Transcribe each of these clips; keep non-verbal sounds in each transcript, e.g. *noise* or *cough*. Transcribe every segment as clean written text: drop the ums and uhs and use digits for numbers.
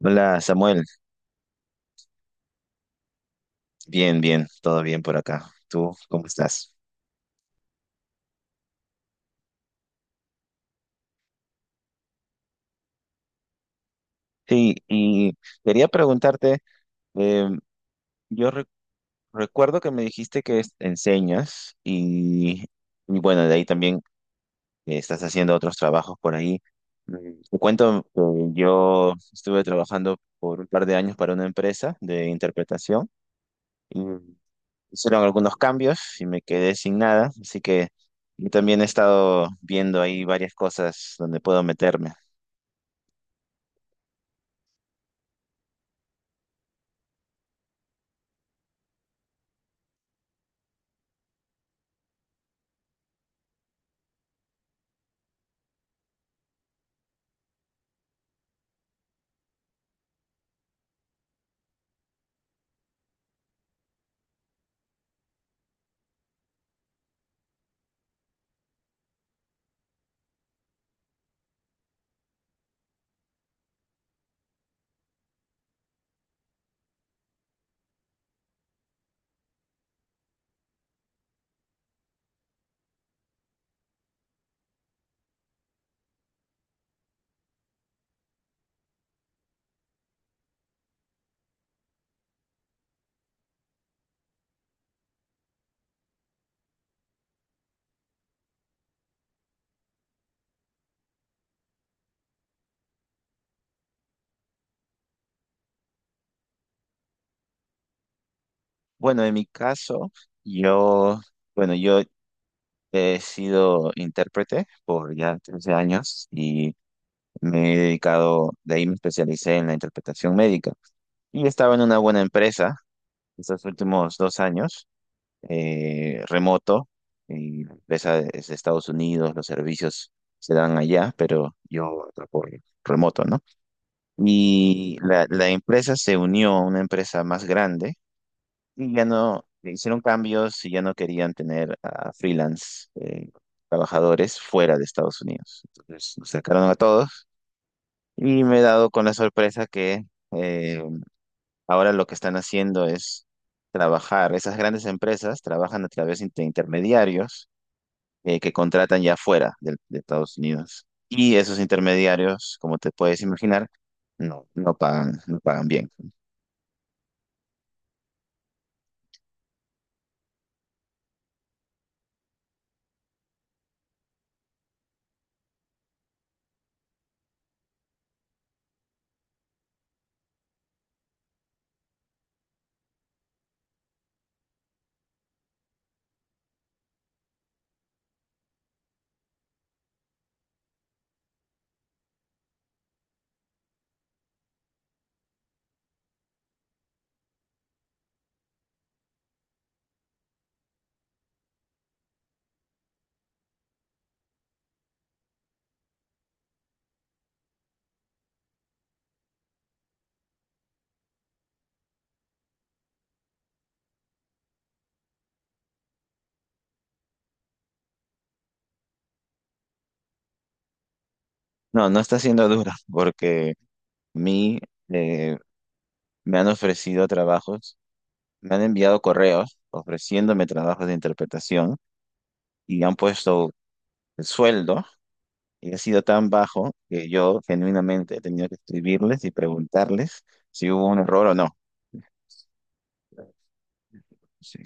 Hola Samuel, bien, bien, todo bien por acá. ¿Tú cómo estás? Sí, y quería preguntarte, eh, yo re- recuerdo que me dijiste que enseñas y bueno, de ahí también estás haciendo otros trabajos por ahí. Mm, Te cuento que yo estuve trabajando por un par de años para una empresa de interpretación y hicieron algunos cambios y me quedé sin nada, así que yo también he estado viendo ahí varias cosas donde puedo meterme. Bueno, en mi caso, yo, bueno, yo he sido intérprete por ya 13 años y me he dedicado, de ahí me especialicé en la interpretación médica. Y estaba en una buena empresa estos últimos 2 años, remoto, y la empresa es de Estados Unidos, los servicios se dan allá, pero yo trabajo remoto, ¿no? Y la empresa se unió a una empresa más grande. Y ya no, le hicieron cambios y ya no querían tener a freelance, trabajadores fuera de Estados Unidos. Entonces nos sacaron a todos y me he dado con la sorpresa que eh, ahora lo que están haciendo es trabajar. Esas grandes empresas trabajan a través de intermediarios, que contratan ya de Estados Unidos. Y esos intermediarios, como te puedes imaginar, no, no pagan, no pagan bien. No, no está siendo duro porque mi... eh, me han ofrecido trabajos, me han enviado correos ofreciéndome trabajos de interpretación y han puesto el sueldo y ha sido tan bajo que yo genuinamente he tenido que escribirles y preguntarles si hubo un error o no. Sí,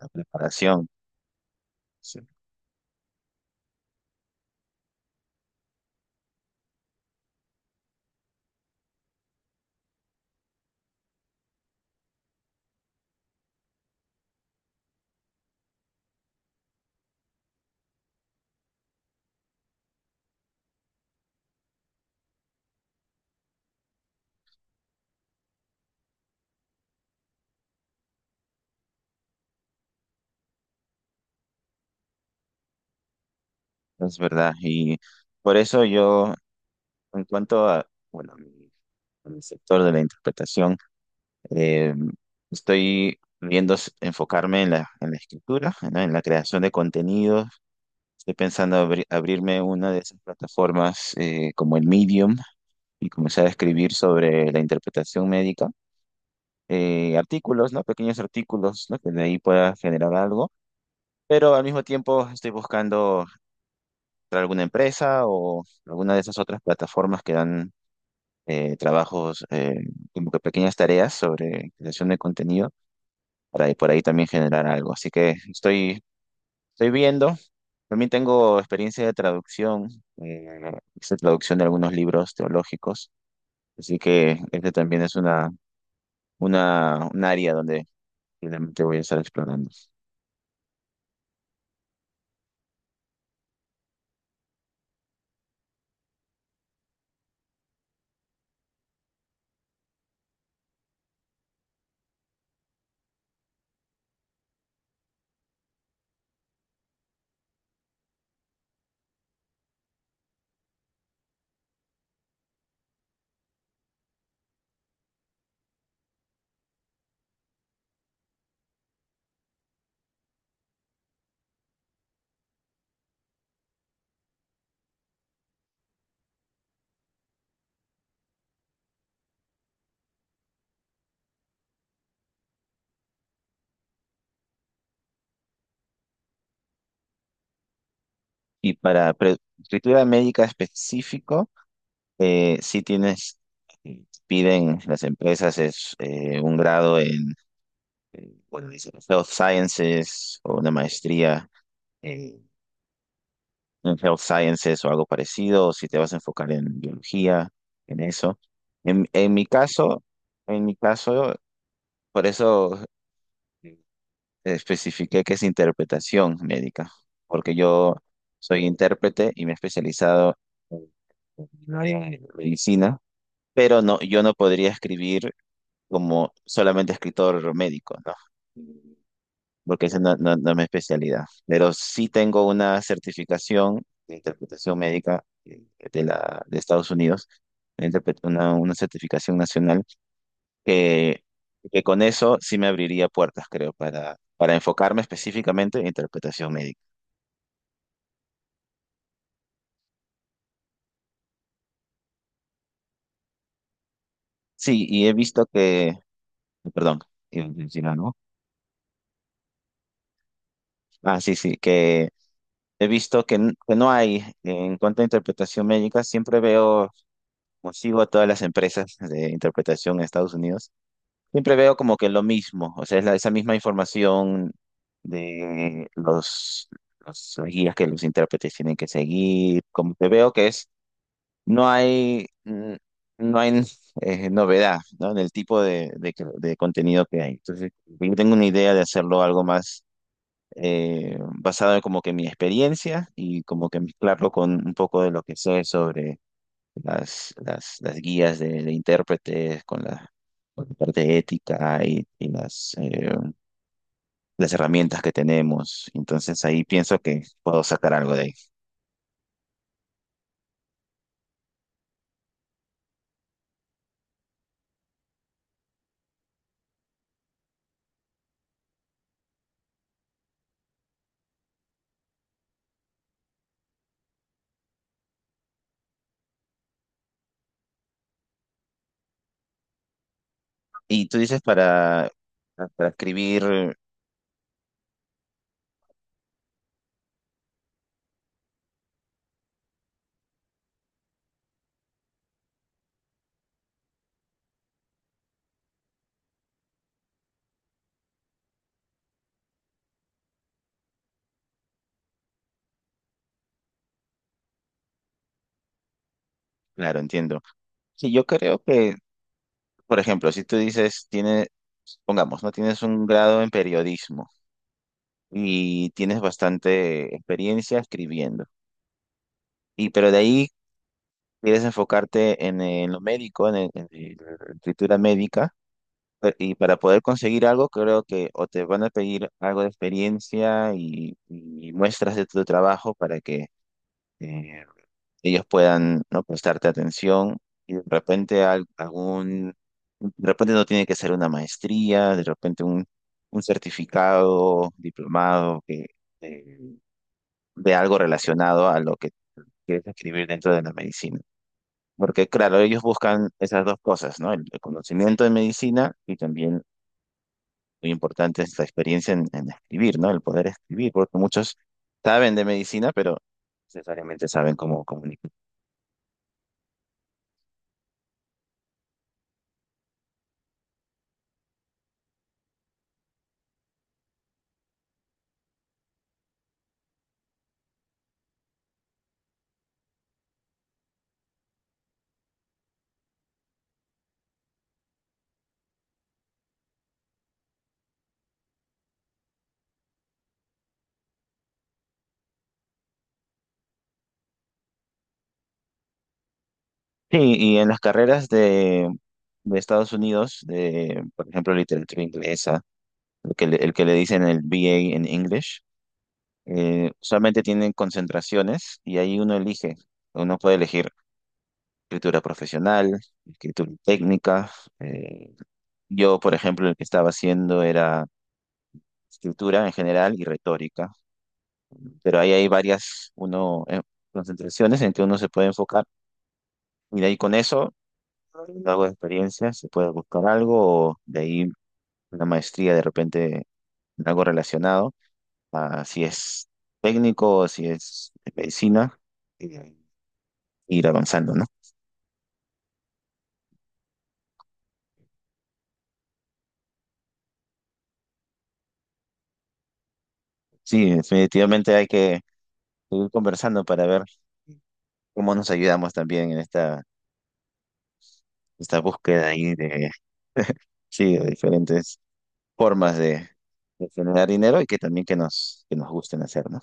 la preparación, sí, es verdad. Y por eso yo, en cuanto a, bueno, mi, a mi sector de la interpretación, eh, estoy viendo enfocarme en la escritura, ¿no? En la creación de contenidos. Estoy pensando abrirme una de esas plataformas, como el Medium, y comenzar a escribir sobre la interpretación médica, artículos, ¿no? Pequeños artículos, ¿no? Que de ahí pueda generar algo, pero al mismo tiempo estoy buscando entrar a alguna empresa o alguna de esas otras plataformas que dan, trabajos, como que pequeñas tareas sobre creación de contenido para por ahí también generar algo. Así que estoy, estoy viendo. También tengo experiencia de traducción, hice traducción de algunos libros teológicos, así que este también es una, un área donde finalmente voy a estar explorando. Y para escritura médica específico, sí tienes, piden las empresas es, un grado en, bueno, dice Health Sciences o una maestría, eh, en Health Sciences o algo parecido, o si te vas a enfocar en biología, en eso. En, en mi caso, en mi caso, por eso eh, especifiqué que es interpretación médica, porque yo soy intérprete y me he especializado en en el área de medicina, pero no, yo no podría escribir como solamente escritor médico, ¿no? Porque esa no, no, no es mi especialidad. Pero sí tengo una certificación de interpretación médica, de la, de Estados Unidos, una, una certificación nacional, que, que con eso sí me abriría puertas, creo, para enfocarme específicamente en interpretación médica. Sí, y he visto que, perdón, iba a decir algo. Ah, sí, sí, que he visto que, que no hay, en cuanto a interpretación médica, siempre veo, consigo a todas las empresas de interpretación en Estados Unidos. Siempre veo como que lo mismo, o sea, es esa misma información de los las guías que los intérpretes tienen que seguir, como que veo que es, no hay, no hay *laughs* novedad, ¿no? En el tipo de, de contenido que hay. Entonces, yo tengo una idea de hacerlo algo más, basado en como que mi experiencia y como que mezclarlo con un poco de lo que sé sobre las guías de intérpretes, con la parte ética y las herramientas que tenemos. Entonces ahí pienso que puedo sacar algo de ahí. Y tú dices para escribir, claro, entiendo. Sí, yo creo que, por ejemplo, si tú dices, tiene, pongamos, ¿no? Tienes un grado en periodismo y tienes bastante experiencia escribiendo. Y pero de ahí quieres enfocarte en lo médico, en, en en la escritura médica, y para poder conseguir algo, creo que o te van a pedir algo de experiencia y muestras de tu trabajo para que eh, ellos puedan, ¿no?, prestarte atención. Y de repente algún, de repente no tiene que ser una maestría, de repente un certificado, diplomado que, eh, de algo relacionado a lo que quieres escribir dentro de la medicina. Porque claro, ellos buscan esas dos cosas, ¿no? El conocimiento de medicina y también muy importante esta experiencia en escribir, ¿no? El poder escribir, porque muchos saben de medicina, pero no necesariamente saben cómo comunicar. Sí, y en las carreras de Estados Unidos, de, por ejemplo, literatura inglesa, el que le dicen el BA en English, solamente tienen concentraciones y ahí uno elige, uno puede elegir escritura profesional, escritura técnica, eh, yo, por ejemplo, el que estaba haciendo era escritura en general y retórica. Pero ahí hay varias uno, concentraciones en que uno se puede enfocar y de ahí con eso, algo de experiencia, se puede buscar algo o de ahí una maestría de repente en algo relacionado, a si es técnico o si es de medicina, y de ahí ir avanzando, ¿no? Sí, definitivamente hay que seguir conversando para ver cómo nos ayudamos también en esta, esta búsqueda ahí de, sí, de diferentes formas de generar dinero y que también que nos gusten hacer, ¿no?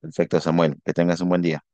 Perfecto, Samuel. Que tengas un buen día.